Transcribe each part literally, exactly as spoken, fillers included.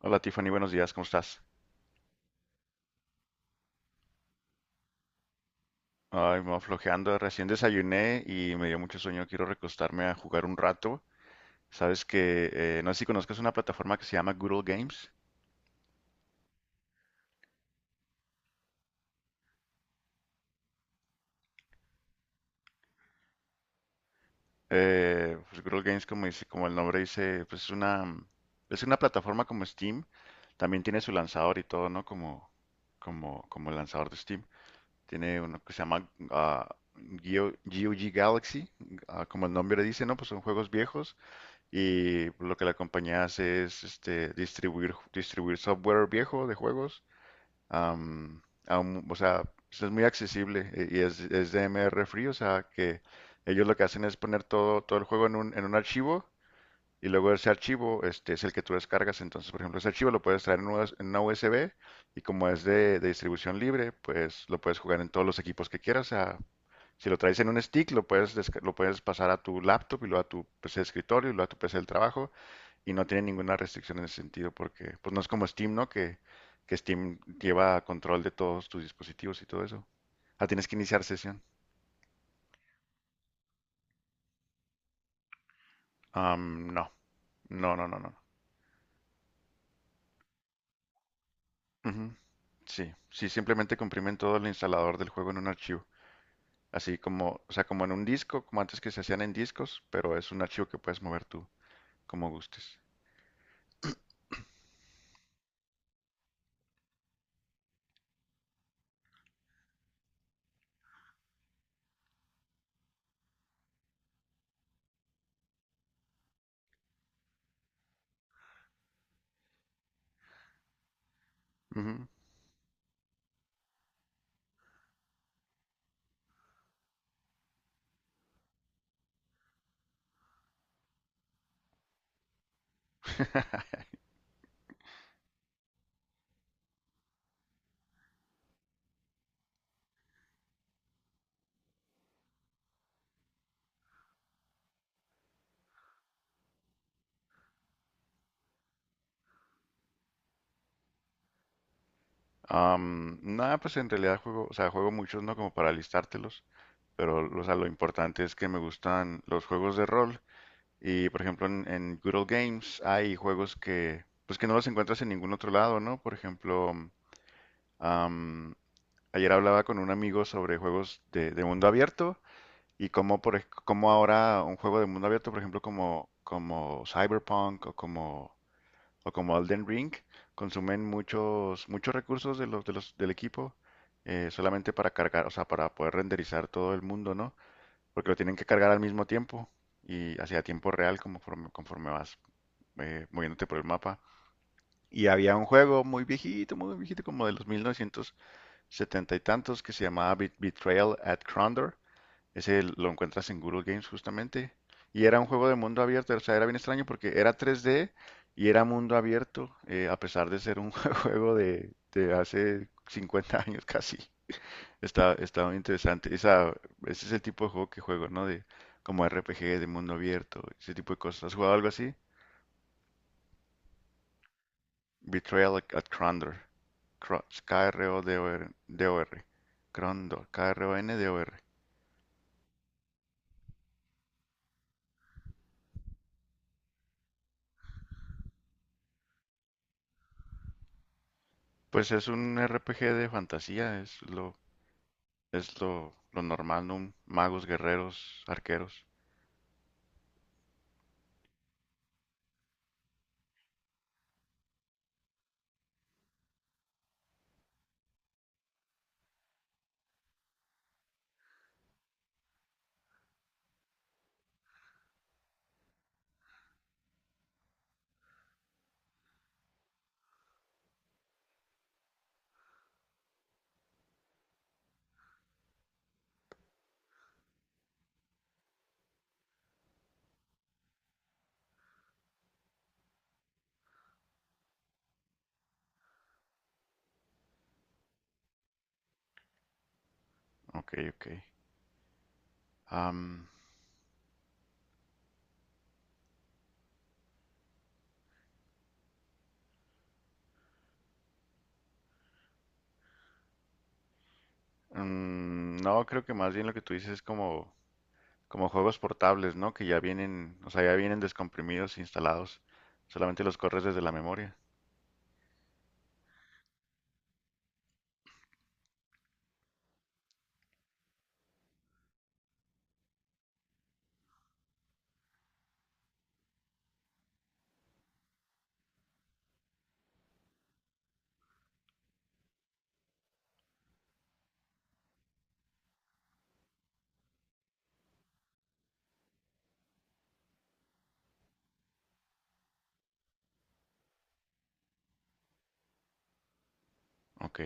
Hola Tiffany, buenos días, ¿cómo estás? Ay, me flojeando, recién desayuné y me dio mucho sueño, quiero recostarme a jugar un rato. Sabes que, eh, no sé si conozcas una plataforma que se llama Good Old Games. Eh, pues Good Old Games, como dice, como el nombre dice, pues es una, es una plataforma como Steam. También tiene su lanzador y todo, ¿no? Como, como, como el lanzador de Steam. Tiene uno que se llama ah, Geo- G O G Galaxy, ah, como el nombre dice, ¿no? Pues son juegos viejos. Y lo que la compañía hace es este, distribuir, distribuir software viejo de juegos. am, a un- o sea, pues, es muy accesible, eh, y es, es de R Free. O sea, que ellos lo que hacen es poner todo, todo el juego en un, en un archivo, y luego ese archivo este, es el que tú descargas. Entonces, por ejemplo, ese archivo lo puedes traer en una, en una U S B, y como es de, de distribución libre, pues lo puedes jugar en todos los equipos que quieras. O sea, si lo traes en un stick, lo puedes, lo puedes pasar a tu laptop y luego a tu P C de escritorio y luego a tu P C del trabajo. Y no tiene ninguna restricción en ese sentido porque pues no es como Steam, ¿no? Que, que Steam lleva control de todos tus dispositivos y todo eso. Ah, tienes que iniciar sesión. Am, no, no, no, no, no. Ujú. Sí, sí, simplemente comprimen todo el instalador del juego en un archivo. Así como, o sea, como en un disco, como antes que se hacían en discos, pero es un archivo que puedes mover tú como gustes. Ujú. Am, nada, pues en realidad juego, o sea, juego muchos, ¿no? Como para listártelos, pero o sea, lo importante es que me gustan los juegos de rol. Y, por ejemplo, en, en Good Old Games hay juegos que, pues que no los encuentras en ningún otro lado, ¿no? Por ejemplo, am, ayer hablaba con un amigo sobre juegos de, de mundo abierto. Y como, por, ej- como ahora un juego de mundo abierto, por ejemplo, como, como Cyberpunk o como, o como Elden Ring, consumen muchos, muchos recursos de los, de los, del equipo, eh, solamente para cargar, o sea, para poder renderizar todo el mundo, ¿no? Porque lo tienen que cargar al mismo tiempo y hacia tiempo real conforme, conforme vas eh, moviéndote por el mapa. Y había un juego muy viejito, muy viejito, como de los mil novecientos setenta y tantos, que se llamaba Bet- Betrayal at Crondor. Ese lo encuentras en Google Games justamente. Y era un juego de mundo abierto, o sea, era bien extraño porque era tres D y era mundo abierto, eh, a pesar de ser un juego de, de hace cincuenta años casi. Está, está muy interesante. Esa, ese es el tipo de juego que juego, ¿no? De, como R P G de mundo abierto, ese tipo de cosas. ¿Has jugado algo así? Betrayal at, at Krondor. Kro- K-R-O-D-O-R. R O d o. Krondor. K-R-O-N-D-O-R. K R O N D O R. Pues es un R P G de fantasía, es lo, es lo, lo normal, ¿no? Magos, guerreros, arqueros. Ok, ok. Am, mm, no, creo que más bien lo que tú dices es como, como juegos portables, ¿no? Que ya vienen, o sea, ya vienen descomprimidos, instalados. Solamente los corres desde la memoria. Ok.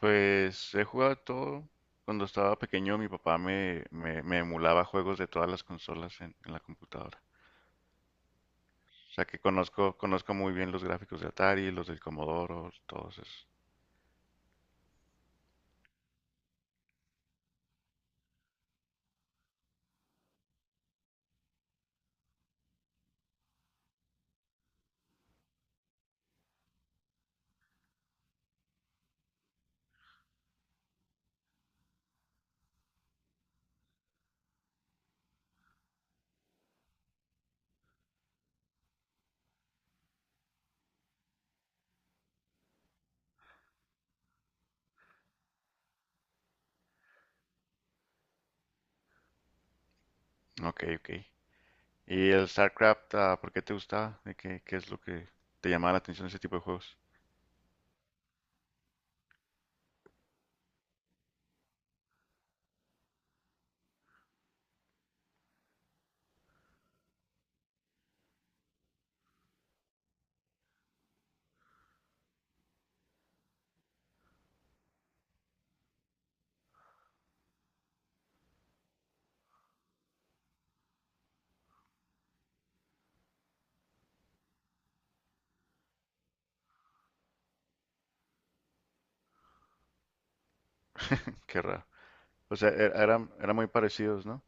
Pues he jugado todo. Cuando estaba pequeño, mi papá me, me, me emulaba juegos de todas las consolas en, en la computadora. O sea que conozco, conozco muy bien los gráficos de Atari, los del Commodore, todos esos. Ok, ok. ¿Y el StarCraft, ah, por qué te gustaba? De qué, qué es lo que te llamaba la atención de ese tipo de juegos? Qué raro. O sea, er- eran, eran muy parecidos, ¿no?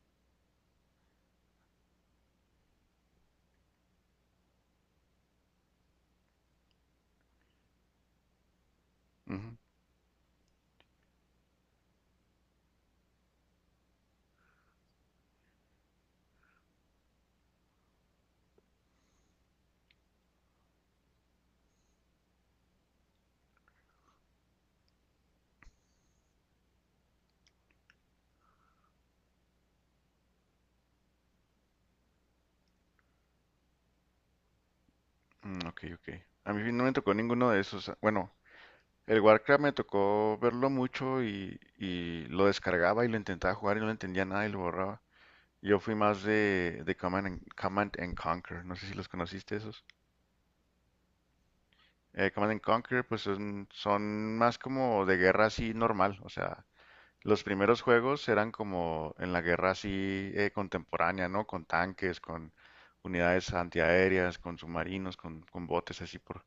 Ujú. Mm, ok, ok. A mí no me tocó ninguno de esos. Bueno, el Warcraft me tocó verlo mucho y, y lo descargaba y lo intentaba jugar y no le entendía nada y lo borraba. Yo fui más de, de Command and, Command and Conquer. No sé si los conociste esos. Eh, Command and Conquer, pues son, son más como de guerra así normal. O sea, los primeros juegos eran como en la guerra así, eh, contemporánea, ¿no? Con tanques, con unidades antiaéreas, con submarinos, con, con botes así por...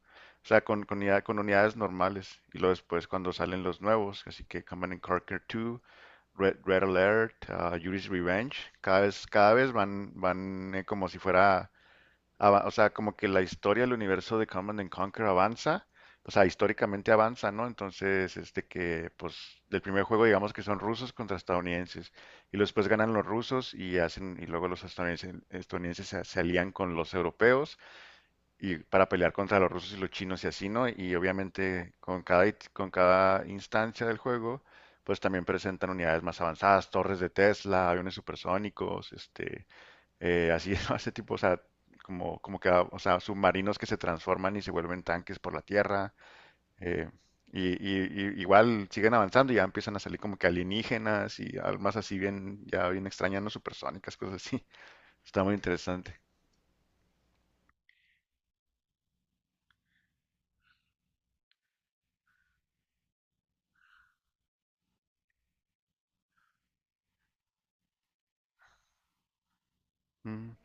O sea, con, con, unidad- con unidades normales. Y luego después cuando salen los nuevos, así que Command and Conquer dos, Red, Red Alert, ah, Yuri's Revenge, cada vez, cada vez van, van, eh, como si fuera ava- o sea, como que la historia del universo de Command and Conquer avanza, o sea, históricamente avanza, ¿no? Entonces, este que, pues, del primer juego digamos que son rusos contra estadounidenses, y luego después ganan los rusos y hacen, y luego los estadounidenses, estadounidenses se, se alían con los europeos y para pelear contra los rusos y los chinos y así, ¿no? Y obviamente con cada, it- con cada instancia del juego, pues también presentan unidades más avanzadas, torres de Tesla, aviones supersónicos, este eh, así, ¿no? Ese tipo, o sea, como, como que, o sea, submarinos que se transforman y se vuelven tanques por la tierra. eh, y, y- y igual siguen avanzando y ya empiezan a salir como que alienígenas y almas así bien, ya bien extrañas, no supersónicas, cosas así. Está muy interesante. Mm,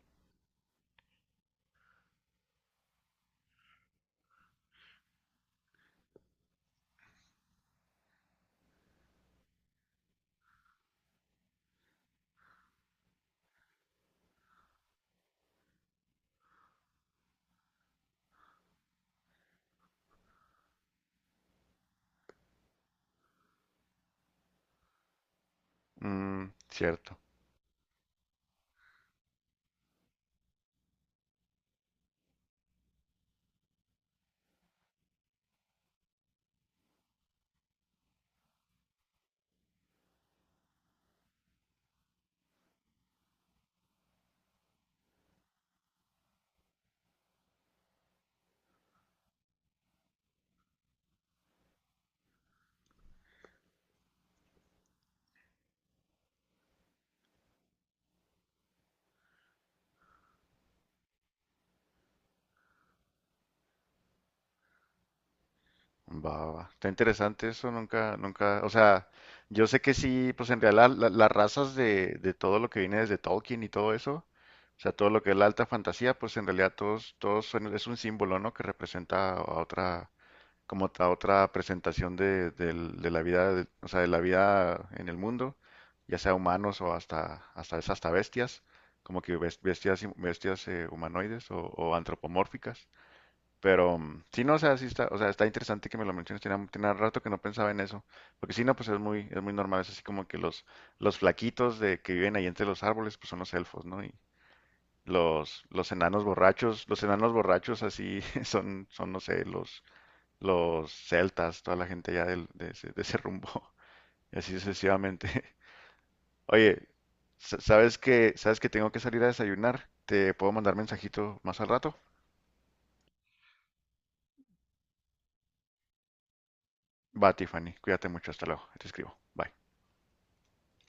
mm, cierto. Va, va, va. Está interesante eso, nunca, nunca, o sea, yo sé que sí, pues en realidad la- las razas de, de todo lo que viene desde Tolkien y todo eso, o sea, todo lo que es la alta fantasía, pues en realidad todos, todos son- es un símbolo, ¿no? Que representa a otra, como a otra presentación de, del- de la vida, de- o sea, de la vida en el mundo, ya sea humanos o hasta, hasta es hasta bestias, como que bes- bestias, bestias eh, humanoides o o antropomórficas. Pero mm, sí, no, o sea, sí está, o sea, está interesante que me lo menciones, tenía, tenía rato que no pensaba en eso, porque sí, no, pues es muy, es muy normal, es así como que los, los flaquitos de que viven ahí entre los árboles, pues son los elfos, ¿no? Y los, los enanos borrachos, los enanos borrachos así, son, son, no sé, los, los celtas, toda la gente ya del- de, ese, de ese rumbo, y así sucesivamente. Oye, sa- ¿sabes que, sabes que tengo que salir a desayunar? ¿Te puedo mandar mensajito más al rato? Va, Tiffany, cuídate mucho, hasta luego, te escribo, bye.